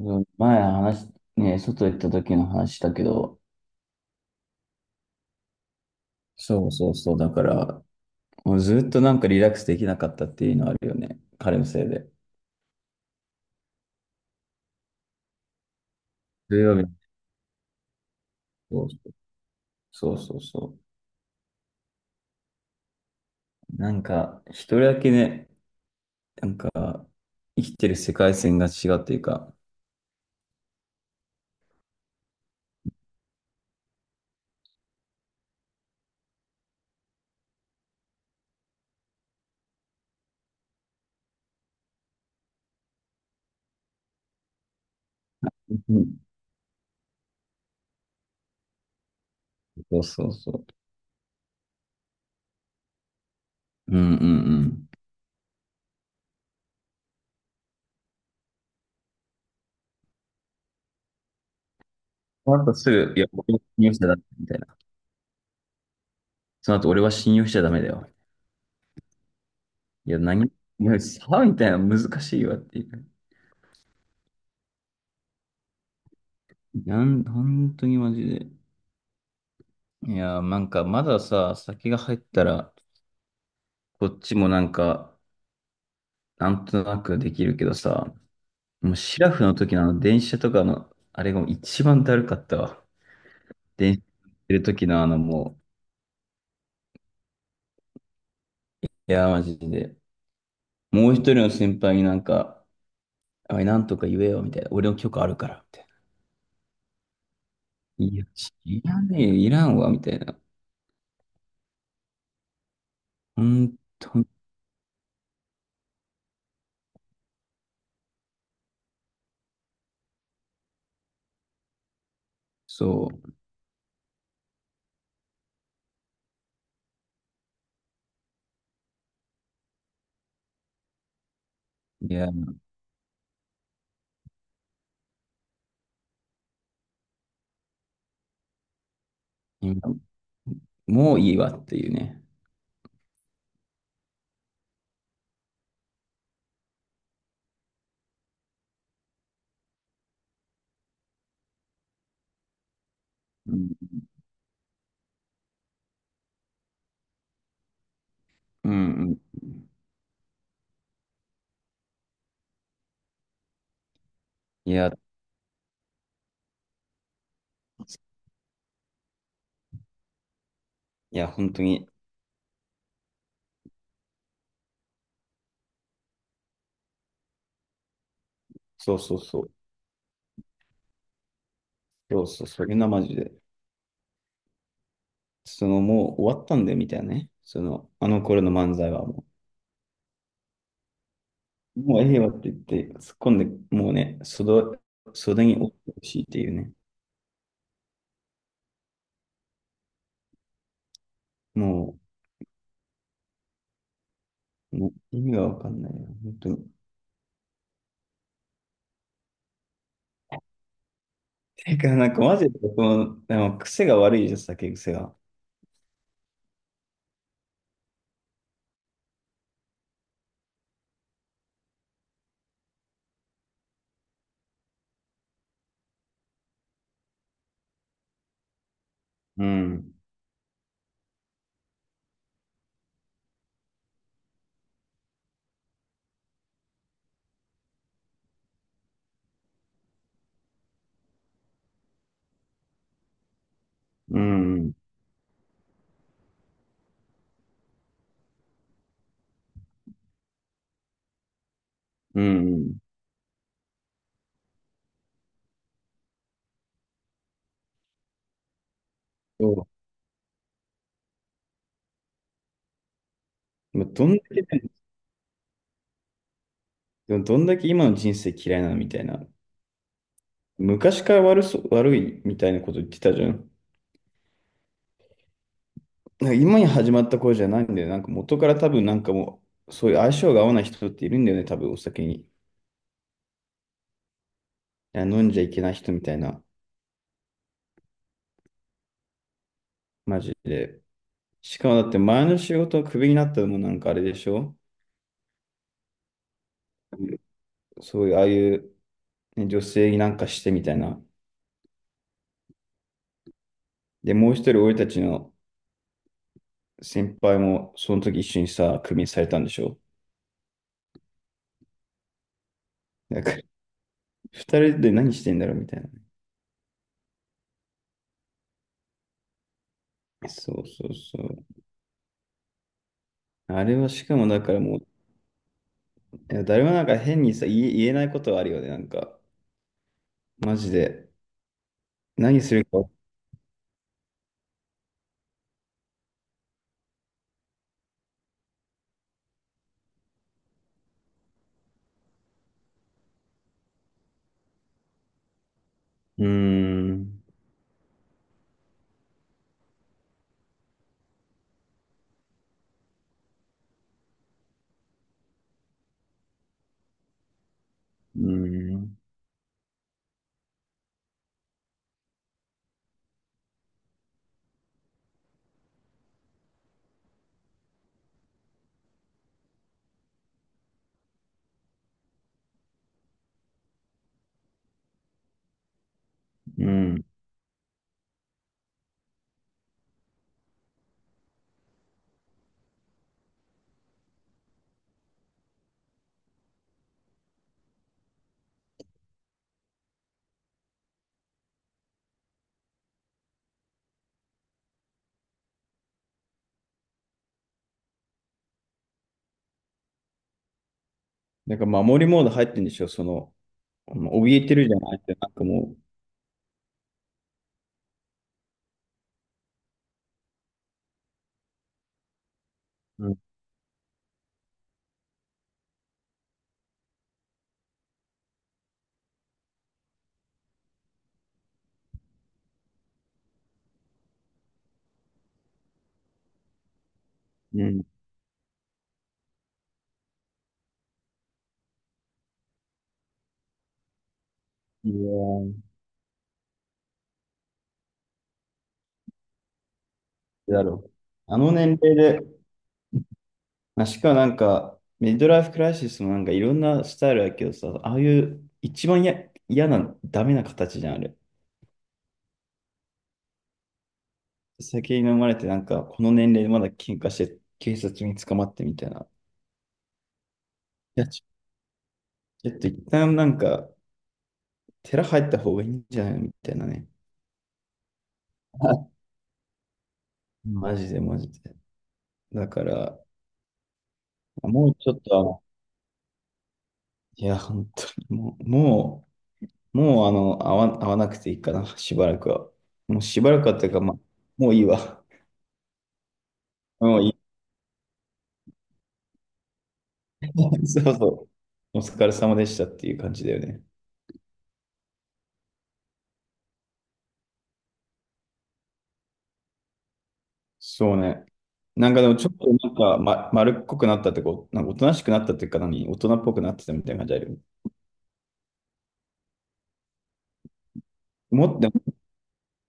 うん、前話、ね、外行った時の話だけど、そうそうそう、だから、もうずっとリラックスできなかったっていうのあるよね。彼のせいで。土曜日の、そうそうそうそう。一人だけね、なんか、生きてる世界線が違うっていうか、うん、そうそうそう。うんうんうん。その後すぐ、いや、俺は信用しちゃダメみたいな。その後、俺は信用しちゃダメだよ。いや、何、さあみたいな、難しいわっていう。本当にマジで。いやー、なんかまださ、先が入ったら、こっちもなんか、なんとなくできるけどさ、もうシラフの時のあの電車とかの、あれがもう一番だるかったわ。電車乗ってる時のあのもう、いやー、マジで。もう一人の先輩になんか、あい、なんとか言えよ、みたいな。俺の許可あるから、みたいな。いや、いらねえよ、いらんわ、みたいな。ほんとに、そう。いや、今もういいわっていうね。うん、うん、うん。いや、いや、本当に。そうそうそう。そうそう、それがマジで。その、もう終わったんだよ、みたいなね。その、あの頃の漫才はもう、もうええわって言って、突っ込んで、もうね、袖に折ってほしいっていうね。もう、もう意味がわかんないよ、本当に。てか、なんかマジで、この、でも癖が悪いじゃん、酒癖が。うん、うん、うん。そう。もうどんだけね、でもどんだけ今の人生嫌いなのみたいな。昔から悪そう、悪いみたいなこと言ってたじゃん。なんか今に始まった頃じゃないんだよね。なんか元から多分なんかもう、そういう相性が合わない人っているんだよね、多分お酒に。いや、飲んじゃいけない人みたいな、マジで。しかもだって前の仕事をクビになったのもなんかあれでしょ。そういう、ああいう、ね、女性になんかしてみたいな。で、もう一人俺たちの先輩もその時一緒にさ、クビにされたんでしょ。だから、二人で何してんだろうみたいな。そうそうそう。あれはしかもだからもう、いや誰もなんか変にさ、言えないことはあるよね、なんか。マジで。何するか。うーん、うーん、うん、なんか守りモード入ってんでしょ、その、あの怯えてるじゃないって、なんかもう、うん、うん。いやーだろう。あの年齢で、まあ、しかもなんか、ミッドライフクライシスもなんかいろんなスタイルだけどさ、ああいう一番や嫌な、ダメな形じゃん、あれ。酒に飲まれて、なんか、この年齢でまだ喧嘩して、警察に捕まってみたいな。いや、ちょっと一旦なんか、寺入った方がいいんじゃないみたいなね。マジでマジで。だから、もうちょっとあの、いや、本当にもう、もう、もうあの、会わなくていいかな、しばらくは。もうしばらくはっていうか、まあ、もういいわ。もういい。そうそう。お疲れ様でしたっていう感じだよね。そうね。なんかでもちょっとなんか、ま、丸っこくなったってこう、なんかおとなしくなったっていうか何、大人っぽくなってたみたいな感じあるよね。もっと、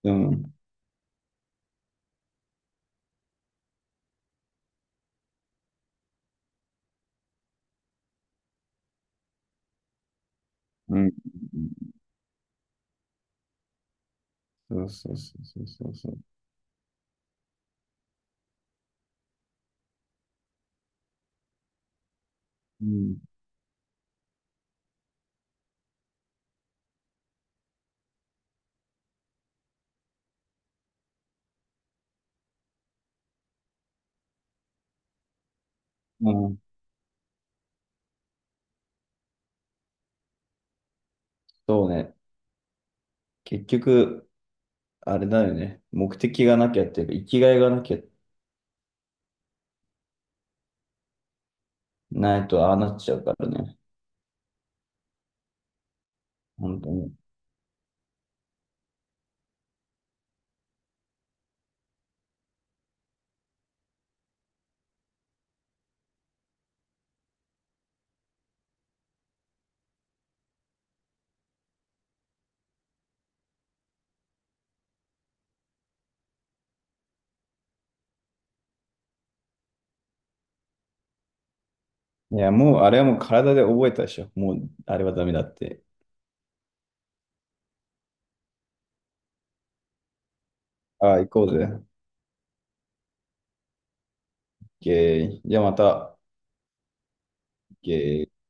うん、うん、そうそうそうそうそうそう。うん、うん、そうね。結局、あれだよね。目的がなきゃっていうか、生きがいがなきゃないとああなっちゃうからね。本当に。いや、もう、あれはもう体で覚えたでしょ。もう、あれはダメだって。ああ、行こうぜ。オッケー。じゃあまた。オッケー。